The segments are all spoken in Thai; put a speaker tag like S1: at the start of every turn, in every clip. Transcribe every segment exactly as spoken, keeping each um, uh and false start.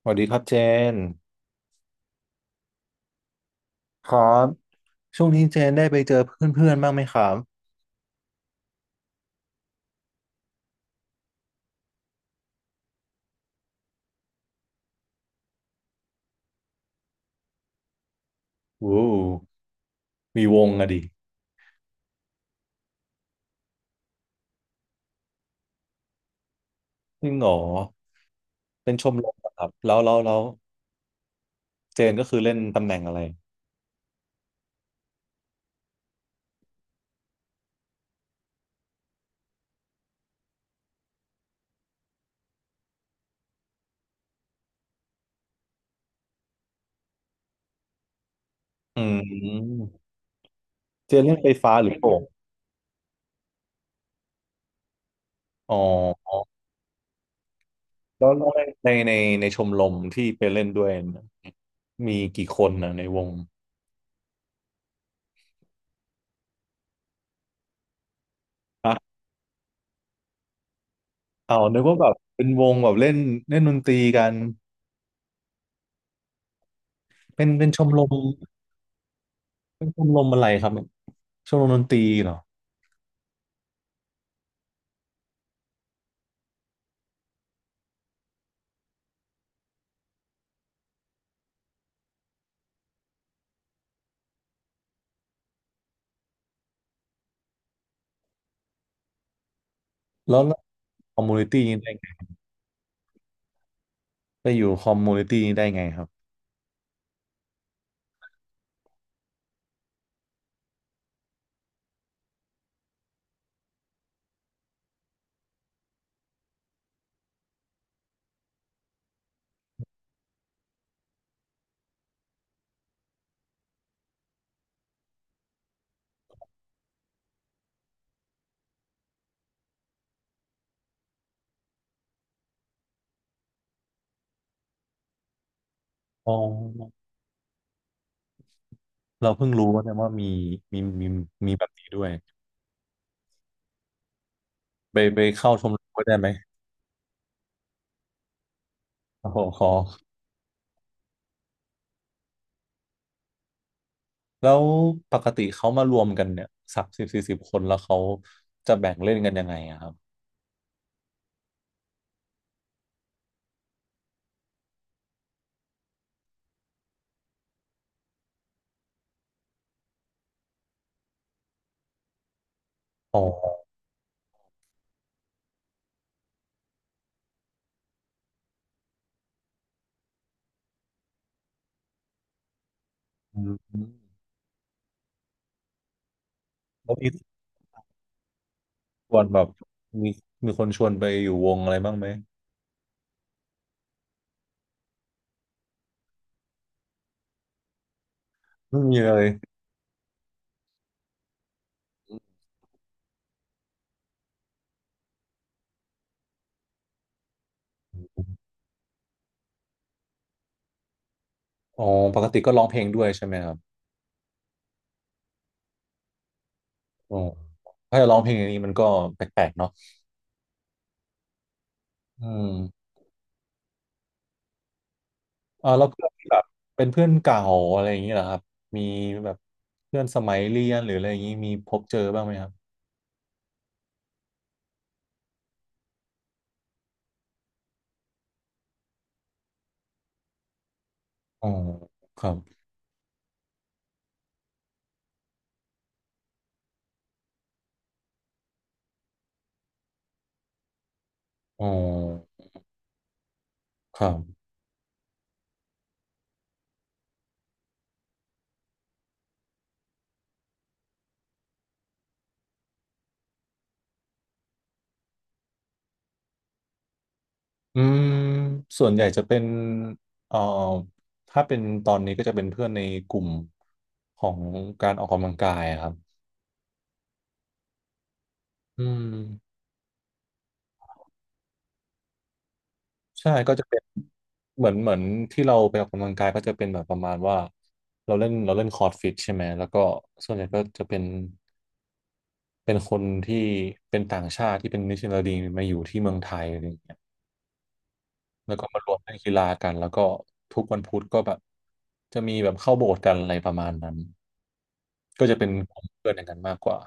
S1: สวัสดีครับเจนครับช่วงนี้เจนได้ไปเจอเพื่อนๆบ้างไหมครับโอ้โหมีวงอะดิจริงเหรอเป็นชมรมเหรอครับแล้วแล้วแล้วเจนก็คือเล่นตำแหน่งอะไรอืมเจนเล่นไฟฟ้าหรือโป่งอ๋อแล้วแล้วในในในชมรมที่ไปเล่นด้วยนะมีกี่คนนะในวงอ่ะเอานึกว่าแบบเป็นวงแบบเล่นเล่นดนตรีกันเป็นเป็นชมรมเป็นชมรมอะไรครับชมรมดนตรีเหรอแล้วคอมมูนิตี้ ไปอยู่คอมมูนิตี้นี้ได้ไงครับ อ๋อ เราเพิ่งรู้ว่าเนี่ยว่ามีมีมีมีแบบนี้ด้วยไปไปเข้าชมรมก็ได้ไหมโอ้โหขอแล้วปกติเขามารวมกันเนี่ยสักสิบสี่สิบคนแล้วเขาจะแบ่งเล่นกันยังไงอะครับ อ๋ออืมแล้วมีชวนแบบมีมีคนชวนไปอยู่วงอะไรบ้างไหมไม่มีเลยอ๋อปกติก็ร้องเพลงด้วยใช่ไหมครับอ๋อถ้าจะร้องเพลงอย่างนี้มันก็แปลกๆเนาะอืม อ่าแล้วเพื่อนที่แบบเป็นเพื่อนเก่าอะไรอย่างนี้เหรอครับมีแบบเพื่อนสมัยเรียนหรืออะไรอย่างนี้มีพบเจอบ้างไหมครับอ๋อครับอ๋อครับอืมส่วนใหญ่จะเป็นเอ่อถ้าเป็นตอนนี้ก็จะเป็นเพื่อนในกลุ่มของการออกกำลังกายอะครับอืมใช่ก็จะเป็นเหมือนเหมือนที่เราไปออกกำลังกายก็จะเป็นแบบประมาณว่าเราเล่นเราเล่นคอร์ดฟิตใช่ไหมแล้วก็ส่วนใหญ่ก็จะเป็น เป็นคนที่เป็นต่างชาติที่เป็นนิชนัลดีมาอยู่ที่เมืองไทยอะไรอย่างเงี้ยแล้วก็มารวมเล่นกีฬากันแล้วก็ทุกวันพุธก็แบบจะมีแบบเข้าโบสถ์กันอะไรประมาณนั้นก็จะเป็นกลุ่มเพื่อนอย่างนั้นมากกว่า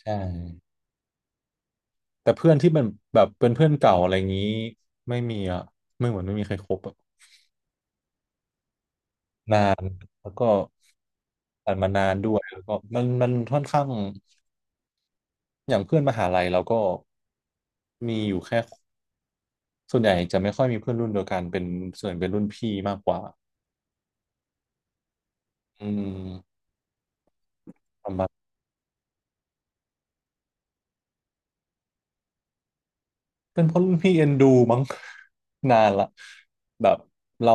S1: ใช่แต่เพื่อนที่เป็นแบบเป็นเพื่อนเก่าอะไรอย่างนี้ไม่มีอ่ะไม่เหมือนไม่มีใครคบอะแล้วก็ผ่านมานานด้วยแล้วก็มันมันค่อนข้างอย่างเพื่อนมหาลัยเราก็มีอยู่แค่ส่วนใหญ่จะไม่ค่อยมีเพื่อนรุ่นเดียวกันเป็นส่วนเป็นรุ่นพี่มากกว่าอืม ทำมาณเป็นเพราะรุ่นพี่เอ็นดูมั้ง นานละแบบเรา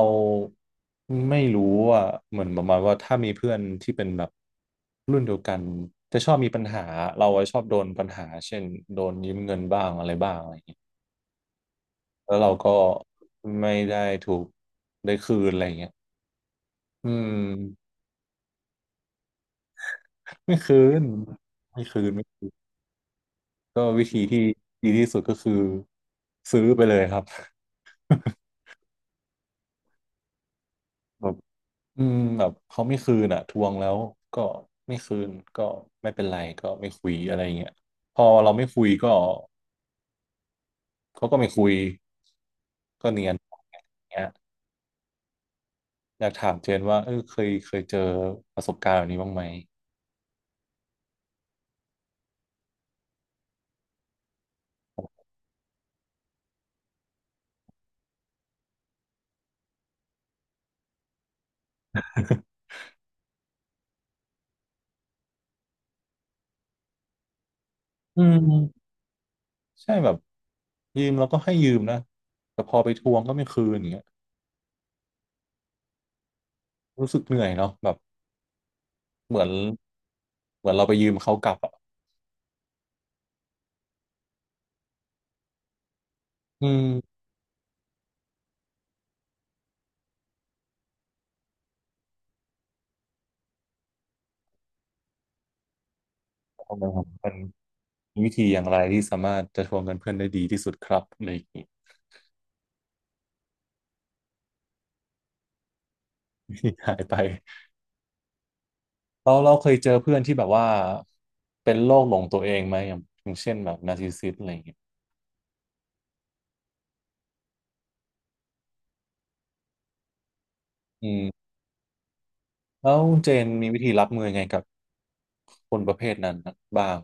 S1: ไม่รู้ว่าเหมือนประมาณว่าถ้ามีเพื่อนที่เป็นแบบรุ่นเดียวกันจะชอบมีปัญหาเราอะชอบโดนปัญหาเช่นโดนยืมเงินบ้างอะไรบ้างอะไรอย่างเงี้ยแล้วเราก็ไม่ได้ถูกได้คืนอะไรอย่างเงี้ยอืมไม่คืนไม่คืนไม่คืนก็วิธีที่ดีที่สุดก็คือซื้อไปเลยครับ อืมแบบเขาไม่คืนอ่ะทวงแล้วก็ไม่คืนก็ไม่เป็นไรก็ไม่คุยอะไรเงี้ยพอเราไม่คุยก็เขาก็ไม่คุยก็เนียนเงี้ยอยากถามเจนว่าเออเคยเคยเจอประสบการณ์แบบนี้บ้างไหมอืมใช่แบบยืมแล้วก็ให้ยืมนะแต่พอไปทวงก็ไม่คืนอย่างเงี้ยรู้สึกเหนื่อยเนาะแบบเหมือนเหมือนเราไปยืมเขากลับอ่ะอืมทมมันมีวิธีอย่างไรที่สามารถจะทวงเงินเพื่อนได้ดีที่สุดครับอะไรอย่างงี้ หายไปเราเราเคยเจอเพื่อนที่แบบว่าเป็นโรคหลงตัวเองไหมอย่างอย่างเช่นแบบนาร์ซิสซิสอะไรอย่างเงี้ยอืมแล้วเจนมีวิธีรับมือยังไงกับคนประเภทนั้นบ้าง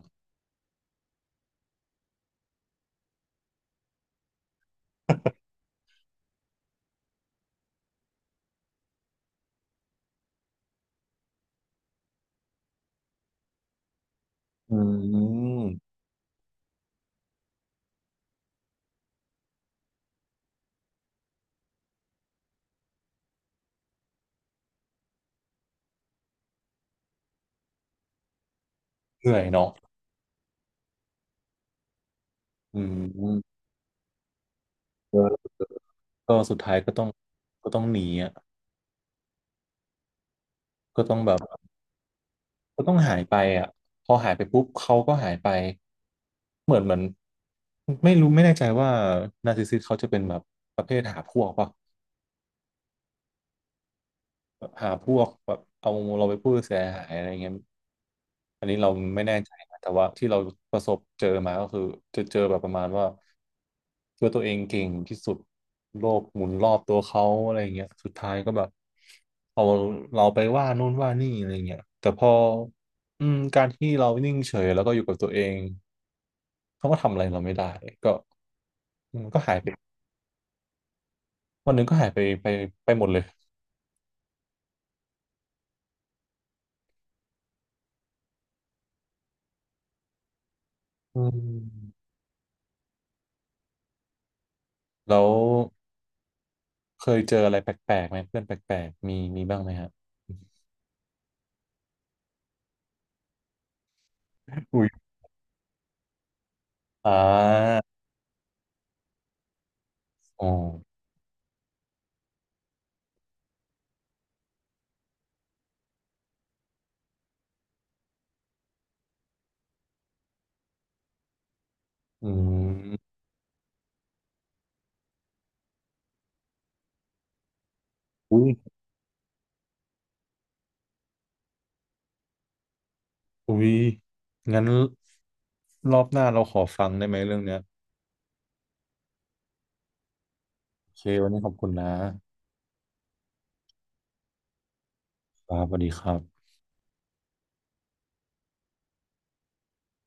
S1: อืมเหนื่อยเนาะอืมเออก็สุดท้ายก็ต้องก็ต้องหนีอ่ะก็ต้องแบบก็ต้องหายไปอ่ะพอหายไปปุ๊บเขาก็หายไปเหมือนเหมือนไม่รู้ไม่แน่ใจว่านาร์ซิสซิสเขาจะเป็นแบบประเภทหาพวกป่ะ แบบหาพวกแบบเอาเราไปพูดเสียหายอะไรเงี้ยอันนี้เราไม่แน่ใจนะแต่ว่าที่เราประสบเจอมาก็คือจะเจอแบบประมาณว่าคิดว่าตัวเองเก่งที่สุดโลกหมุนรอบตัวเขาอะไรเงี้ยสุดท้ายก็แบบเอาเราไปว่านู่นว่านี่อะไรเงี้ยแต่พออืมการที่เรานิ่งเฉยแล้วก็อยู่กับตัวเองเขาก็ทำอะไรเราไม่ได้ก็อืมันก็หายไปวันหนึ่งก็หายไปไปไปหมดเลยอืมแล้ว เคยเจออะไรแปลกๆไหมเพื่อนแปลกๆมีมีบ้างไหมฮะอุ้ยอ่าอ๋ออืมอุ้ยอุ้ยงั้นรอบหน้าเราขอฟังได้ไหมเรื่องเนี้ยโอเควันนี้ขอบคุณนะครับสวัสดีครับ